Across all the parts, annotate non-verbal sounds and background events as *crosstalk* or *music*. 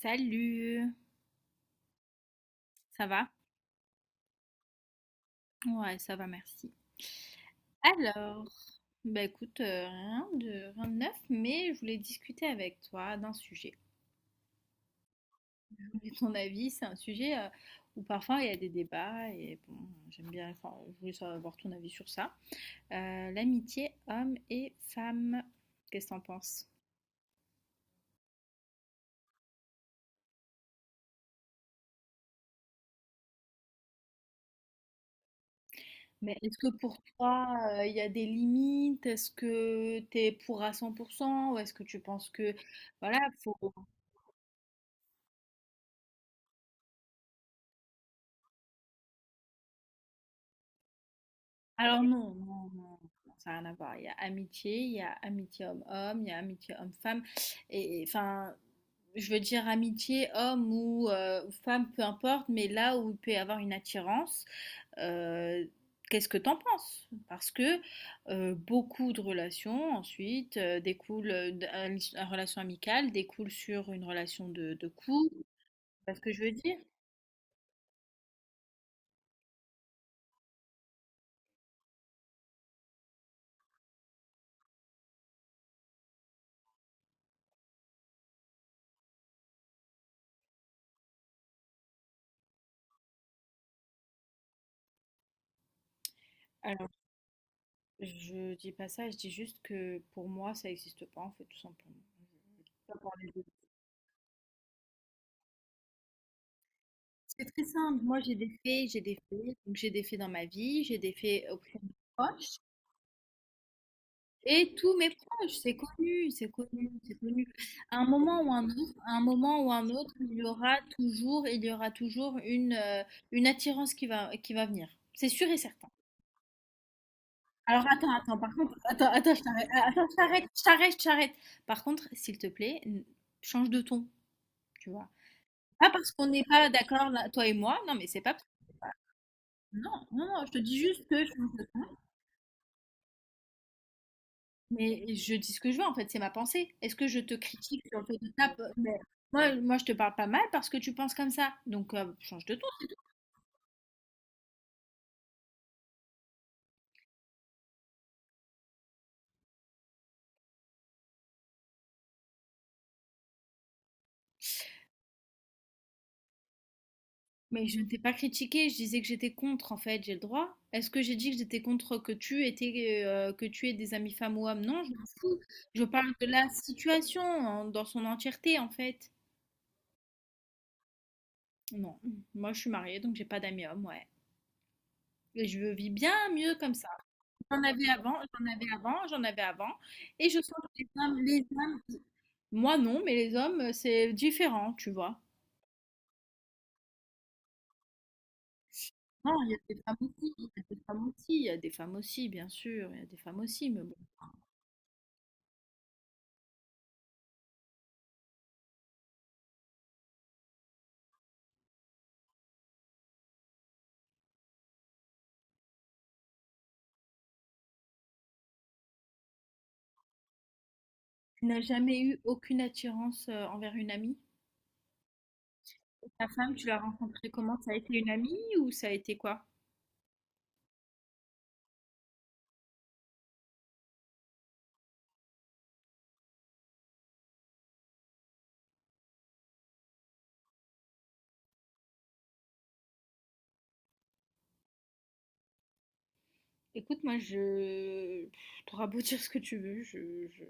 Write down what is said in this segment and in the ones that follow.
Salut, ça va? Ouais, ça va, merci. Alors, bah écoute, rien de, rien de neuf, mais je voulais discuter avec toi d'un sujet. Et ton avis, c'est un sujet où parfois il y a des débats et bon, j'aime bien, enfin, je voulais savoir ton avis sur ça. L'amitié homme et femme, qu'est-ce que t'en penses? Mais est-ce que pour toi, il y a des limites? Est-ce que t'es pour à 100% ou est-ce que tu penses que, voilà, faut... Alors non, ça n'a rien à voir. Il y a amitié, il y a amitié homme-homme, il y a amitié homme-femme. Enfin, je veux dire amitié homme ou femme, peu importe, mais là où il peut y avoir une attirance, euh, qu'est-ce que t'en penses? Parce que beaucoup de relations ensuite découlent d'une relation amicale, découle sur une relation de couple. Tu vois ce que je veux dire? Je dis pas ça, je dis juste que pour moi, ça existe pas en fait, tout simplement. Pas pour les autres. C'est très simple. Moi, j'ai des faits, donc j'ai des faits dans ma vie, j'ai des faits auprès de mes proches et tous mes proches, c'est connu. À un moment ou un autre, il y aura toujours une attirance qui va venir. C'est sûr et certain. Alors par contre, je t'arrête, attends, je t'arrête. Par contre, s'il te plaît, change de ton, tu vois. Pas parce qu'on n'est pas d'accord, là, toi et moi, non, mais c'est pas. Non, non, non, je te dis juste que je. Mais je dis ce que je veux, en fait, c'est ma pensée. Est-ce que je te critique sur le fait de tape Mais je te parle pas mal parce que tu penses comme ça. Donc, change de ton. Mais je ne t'ai pas critiqué, je disais que j'étais contre, en fait, j'ai le droit. Est-ce que j'ai dit que j'étais contre que tu étais, que tu aies des amis femmes ou hommes? Non, je m'en fous. Je parle de la situation dans son entièreté, en fait. Non, moi, je suis mariée, donc j'ai pas d'amis hommes, ouais. Et je vis bien mieux comme ça. J'en avais avant. Et je sens que les hommes, moi non, mais les hommes, c'est différent, tu vois. Non, il y a des femmes aussi, il y a des femmes aussi, il y a des femmes aussi, bien sûr, il y a des femmes aussi, mais bon. Tu n'as jamais eu aucune attirance envers une amie? Et ta femme, tu l'as rencontrée comment? Ça a été une amie ou ça a été quoi? Écoute, moi, je... T'auras beau dire ce que tu veux,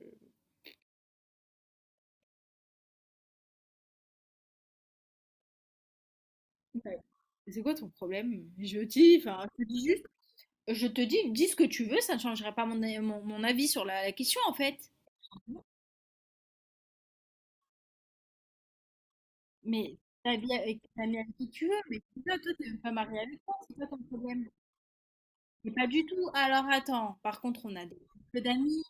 ouais. C'est quoi ton problème? Je dis, enfin, je te dis Je te dis, dis ce que tu veux, ça ne changera pas mon avis sur la question en fait. Mais ta vie avec, t'as mis avec qui tu veux, mais c'est ça, toi, t'es même pas marié avec toi, c'est pas ton problème. Mais pas du tout. Alors attends, par contre,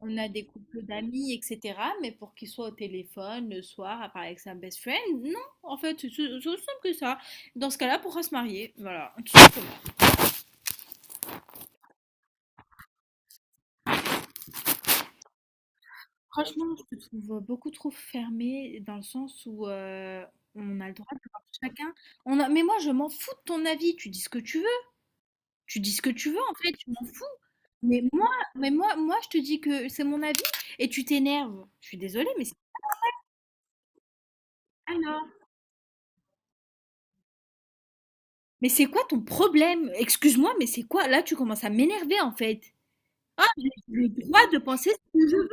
on a des couples d'amis, etc. Mais pour qu'ils soient au téléphone le soir à parler avec sa best friend, non, en fait, c'est aussi simple que ça. Dans ce cas-là, pourra se marier. Voilà, tout simplement. Franchement, je te trouve beaucoup trop fermée dans le sens où on a le droit d'avoir chacun. On a... Mais moi, je m'en fous de ton avis. Tu dis ce que tu veux, en fait. Je m'en fous. Mais moi, moi, je te dis que c'est mon avis et tu t'énerves. Je suis désolée, mais c'est pas là. Mais c'est quoi ton problème? Excuse-moi, mais c'est quoi? Là, tu commences à m'énerver, en fait. Ah, j'ai le droit de penser ce que je veux.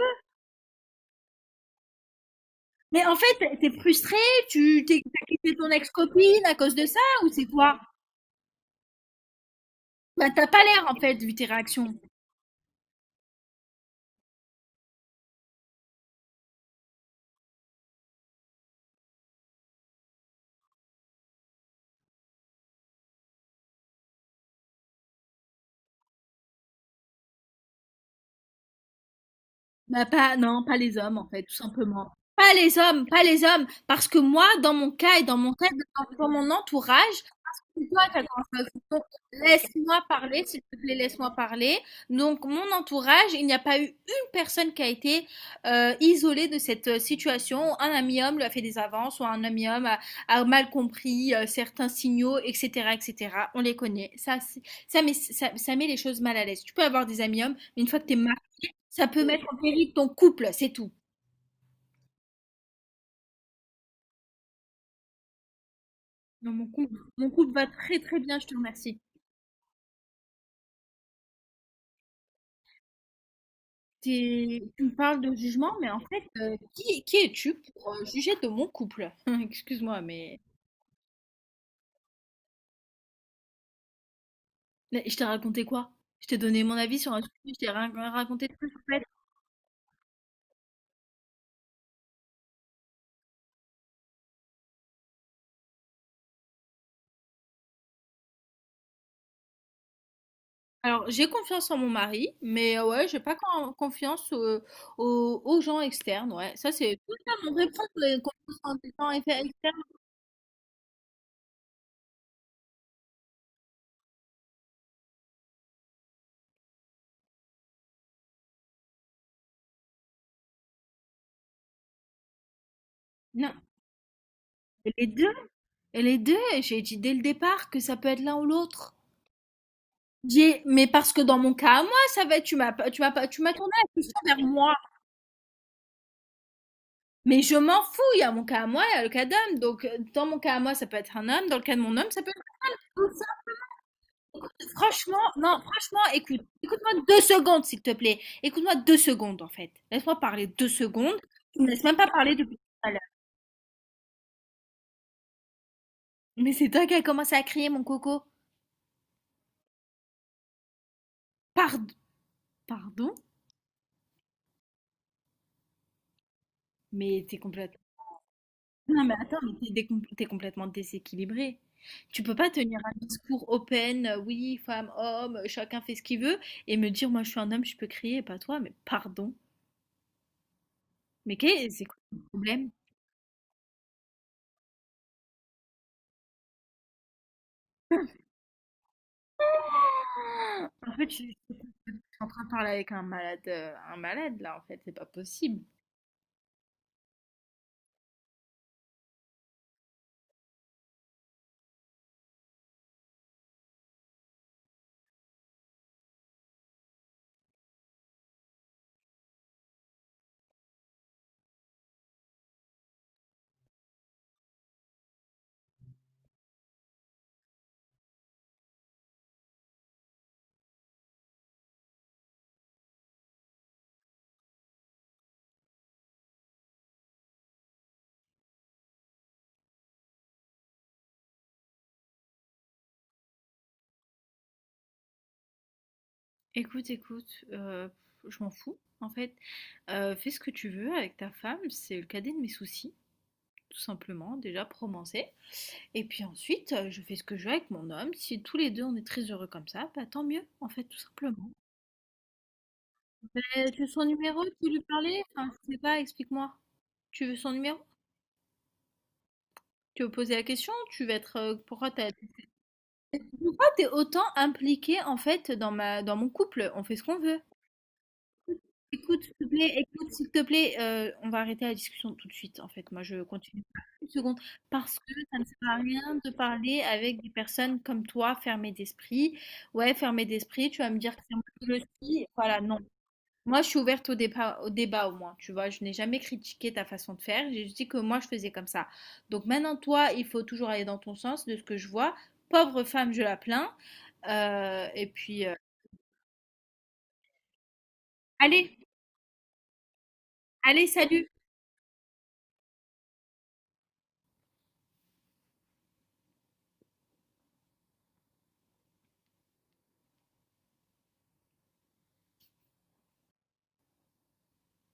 Mais en fait, t'es frustrée, tu t'es t'as quitté ton ex-copine à cause de ça, ou c'est quoi? Bah, t'as pas l'air, en fait, vu tes réactions. Bah, pas les hommes, en fait, tout simplement. Pas les hommes, parce que moi, dans mon cas, dans mon entourage, c'est toi qui as commencé donc laisse-moi parler, s'il te plaît, laisse-moi parler. Donc, mon entourage, il n'y a pas eu une personne qui a été isolée de cette situation. Un ami homme lui a fait des avances, ou un ami homme a mal compris certains signaux, etc., etc. On les connaît. Ça met, ça met les choses mal à l'aise. Tu peux avoir des amis hommes, mais une fois que tu es ça peut mettre en péril ton couple, c'est tout. Non, mon couple va très, très bien, je te remercie. T'es tu me parles de jugement, mais en fait, qui es-tu pour, juger de mon couple? *laughs* Excuse-moi, mais je t'ai raconté quoi? Je t'ai donné mon avis sur un sujet, je t'ai rien raconté de plus, en fait. Alors, j'ai confiance en mon mari, mais ouais, j'ai pas confiance, aux gens externes, ouais. Ça, c'est totalement vrai. Pourquoi tu aurais confiance en des gens externes? Non, et les 2, les 2 j'ai dit dès le départ que ça peut être l'un ou l'autre. J'ai mais parce que dans mon cas à moi, ça va être tu m'as pas, tu m'as pas tu m'as tourné la question vers moi. Mais je m'en fous, il y a mon cas à moi, il y a le cas d'homme. Donc dans mon cas à moi, ça peut être un homme, dans le cas de mon homme, ça peut être tout ça. Écoute, franchement, non, franchement, écoute, écoute-moi 2 secondes, s'il te plaît. Écoute-moi 2 secondes, en fait. Laisse-moi parler 2 secondes. Tu me laisses même pas parler depuis tout à l'heure. Mais c'est toi qui as commencé à crier, mon coco. Pard pardon? Mais t'es es complètement Non, mais attends, mais t'es complètement déséquilibré. Tu peux pas tenir un discours open, oui, femme, homme, chacun fait ce qu'il veut, et me dire, moi je suis un homme, je peux crier, pas toi, mais pardon. Mais c'est quoi le problème? *laughs* En fait, je suis en train de parler avec un malade là, en fait, c'est pas possible. Écoute, écoute, je m'en fous, en fait. Fais ce que tu veux avec ta femme, c'est le cadet de mes soucis, tout simplement, déjà, pour commencer. Et puis ensuite, je fais ce que je veux avec mon homme. Si tous les 2 on est très heureux comme ça, bah, tant mieux, en fait, tout simplement. Beh, tu veux son numéro? Tu veux lui parler? Enfin, je sais pas, explique-moi. Tu veux son numéro? Tu veux poser la question? Tu veux être, pourquoi t'es autant impliquée, en fait, dans ma dans mon couple? On fait ce qu'on veut. Écoute, s'il te plaît, on va arrêter la discussion tout de suite, en fait. Moi, je continue pas 1 seconde parce que ça ne sert à rien de parler avec des personnes comme toi, fermées d'esprit. Ouais, fermées d'esprit, tu vas me dire que c'est moi qui le suis, voilà, non. Moi, je suis ouverte au débat au moins, tu vois? Je n'ai jamais critiqué ta façon de faire, j'ai juste dit que moi, je faisais comme ça. Donc maintenant, toi, il faut toujours aller dans ton sens, de ce que je vois. Pauvre femme, je la plains, et puis, allez, allez, salut!